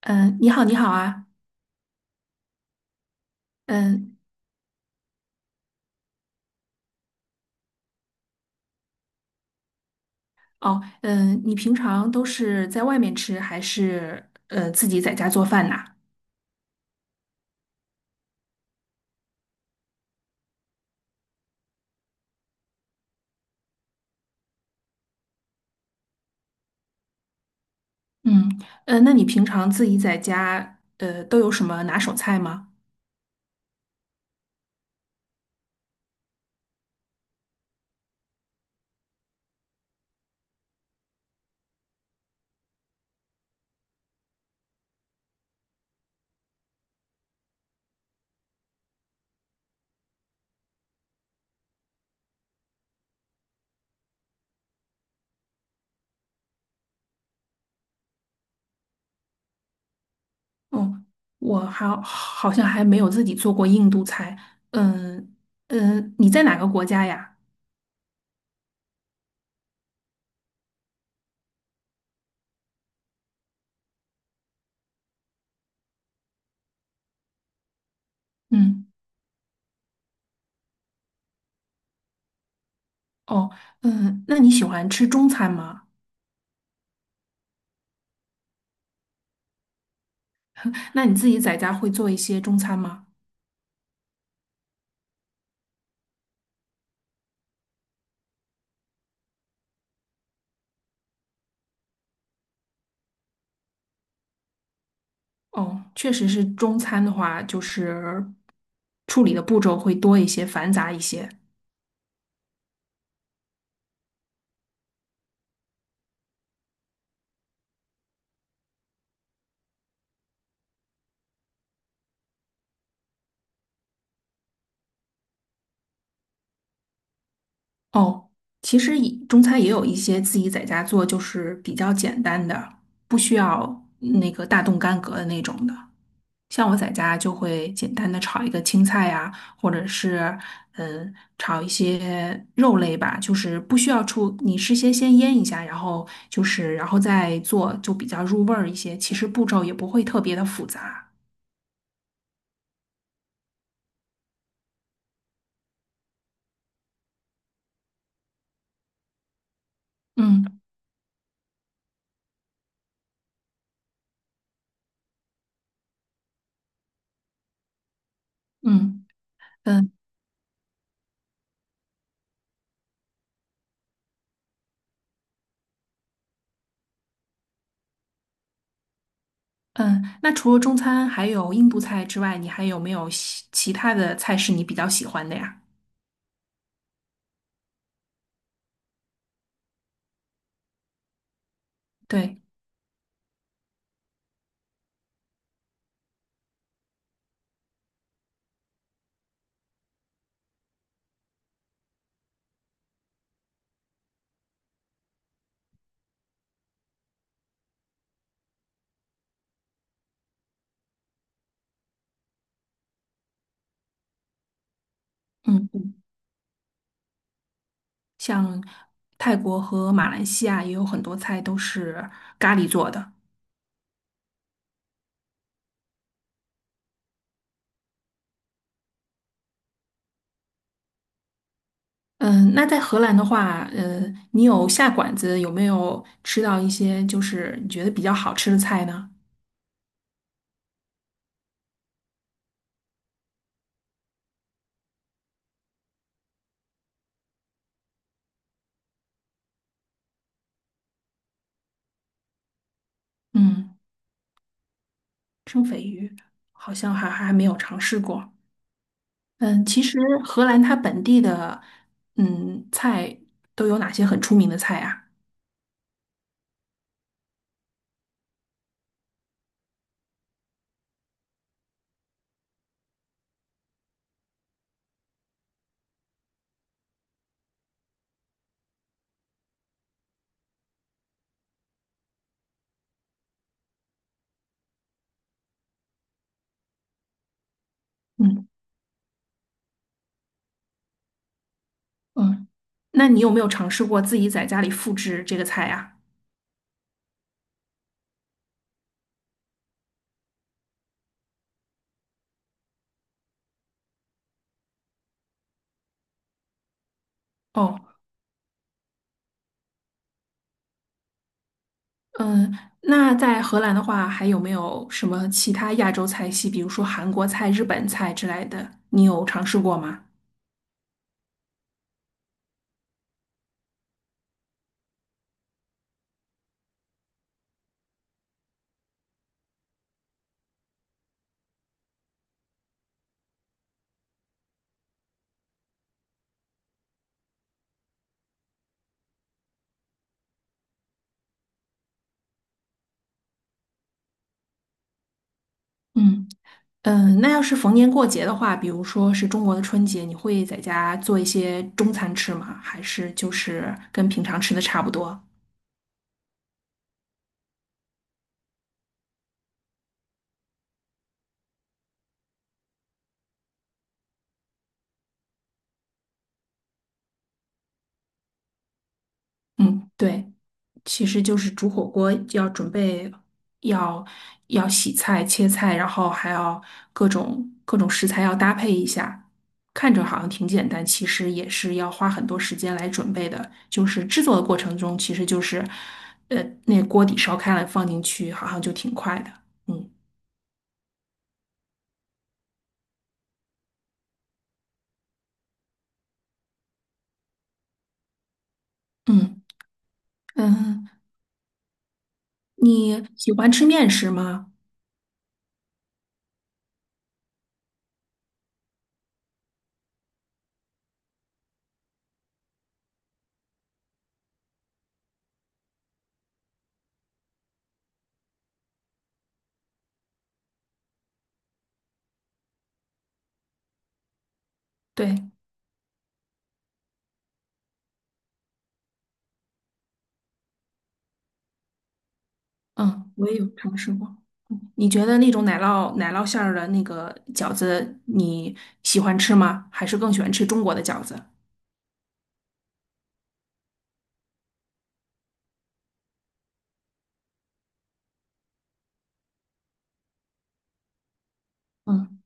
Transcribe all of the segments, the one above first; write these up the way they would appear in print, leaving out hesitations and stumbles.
你好，你好啊。嗯。哦。嗯，你平常都是在外面吃，还是自己在家做饭呐？嗯，那你平常自己在家，都有什么拿手菜吗？哦，我好像还没有自己做过印度菜。嗯。嗯，你在哪个国家呀？嗯。哦，嗯，那你喜欢吃中餐吗？那你自己在家会做一些中餐吗？哦，确实是中餐的话，就是处理的步骤会多一些，繁杂一些。哦，其实中餐也有一些自己在家做，就是比较简单的，不需要那个大动干戈的那种的。像我在家就会简单的炒一个青菜呀，或者是炒一些肉类吧，就是不需要出，你事先先腌一下，然后再做，就比较入味儿一些。其实步骤也不会特别的复杂。嗯。嗯。嗯。嗯，那除了中餐还有印度菜之外，你还有没有喜其他的菜是你比较喜欢的呀？对。嗯，像泰国和马来西亚也有很多菜都是咖喱做的。嗯，那在荷兰的话，你有下馆子有没有吃到一些就是你觉得比较好吃的菜呢？嗯，生鲱鱼好像还没有尝试过。嗯，其实荷兰它本地的菜都有哪些很出名的菜啊？嗯。嗯，那你有没有尝试过自己在家里复制这个菜呀？哦，嗯，那在荷兰的话，还有没有什么其他亚洲菜系，比如说韩国菜、日本菜之类的，你有尝试过吗？嗯。嗯，那要是逢年过节的话，比如说是中国的春节，你会在家做一些中餐吃吗？还是就是跟平常吃的差不多？嗯，对。其实就是煮火锅要准备，要要洗菜、切菜，然后还要各种食材要搭配一下。看着好像挺简单，其实也是要花很多时间来准备的。就是制作的过程中，其实就是，那锅底烧开了放进去，好像就挺快的。嗯。嗯。嗯，你喜欢吃面食吗？对。嗯，我也有尝试过。嗯你觉得那种奶酪馅儿的那个饺子，你喜欢吃吗？还是更喜欢吃中国的饺子？嗯，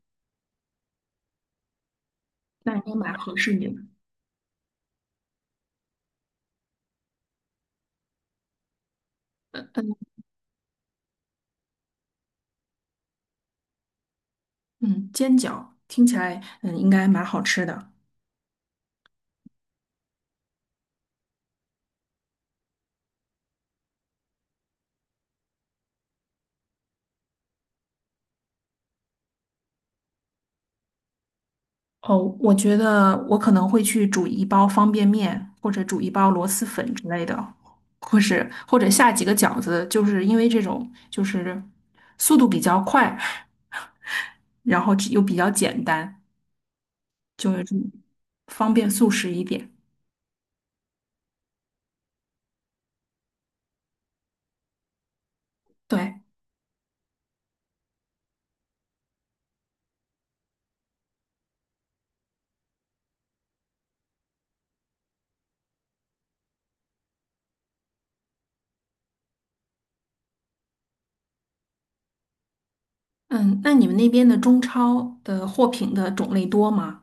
那应该蛮合适你的。嗯，煎饺听起来，嗯，应该蛮好吃的。哦，我觉得我可能会去煮一包方便面，或者煮一包螺蛳粉之类的，或者下几个饺子，就是因为这种速度比较快，然后又比较简单，就是方便速食一点。对。嗯，那你们那边的中超的货品的种类多吗？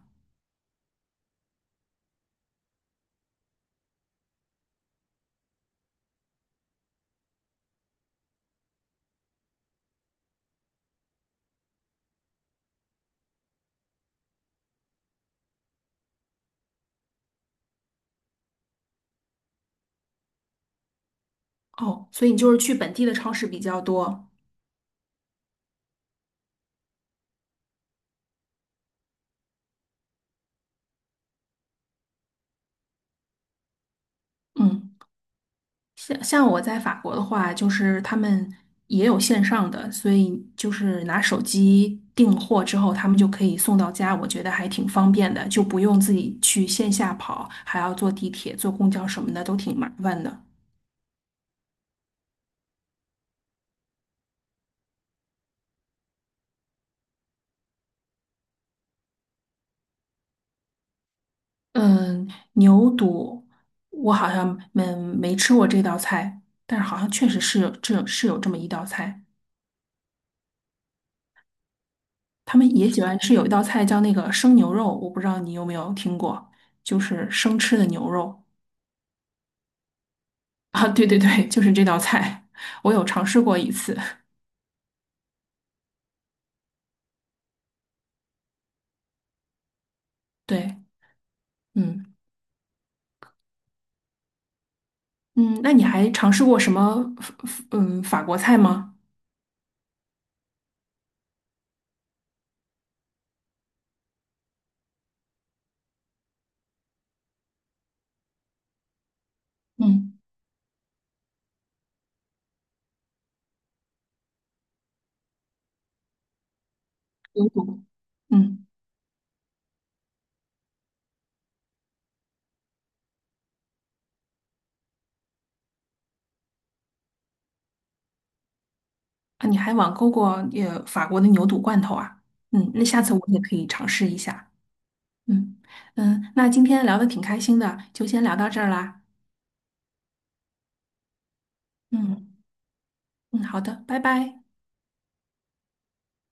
哦，所以你就是去本地的超市比较多。嗯，像我在法国的话，就是他们也有线上的，所以就是拿手机订货之后，他们就可以送到家，我觉得还挺方便的，就不用自己去线下跑，还要坐地铁、坐公交什么的，都挺麻烦的。嗯，牛肚我好像没吃过这道菜，但是好像确实是有这么一道菜。他们也喜欢吃有一道菜叫那个生牛肉，我不知道你有没有听过，就是生吃的牛肉啊。对对对，就是这道菜，我有尝试过一次。对。嗯，嗯，那你还尝试过什么法法国菜吗？嗯，牛肚。嗯啊，你还网购过法国的牛肚罐头啊？嗯，那下次我也可以尝试一下。嗯。嗯，那今天聊的挺开心的，就先聊到这儿啦。嗯嗯，好的，拜拜。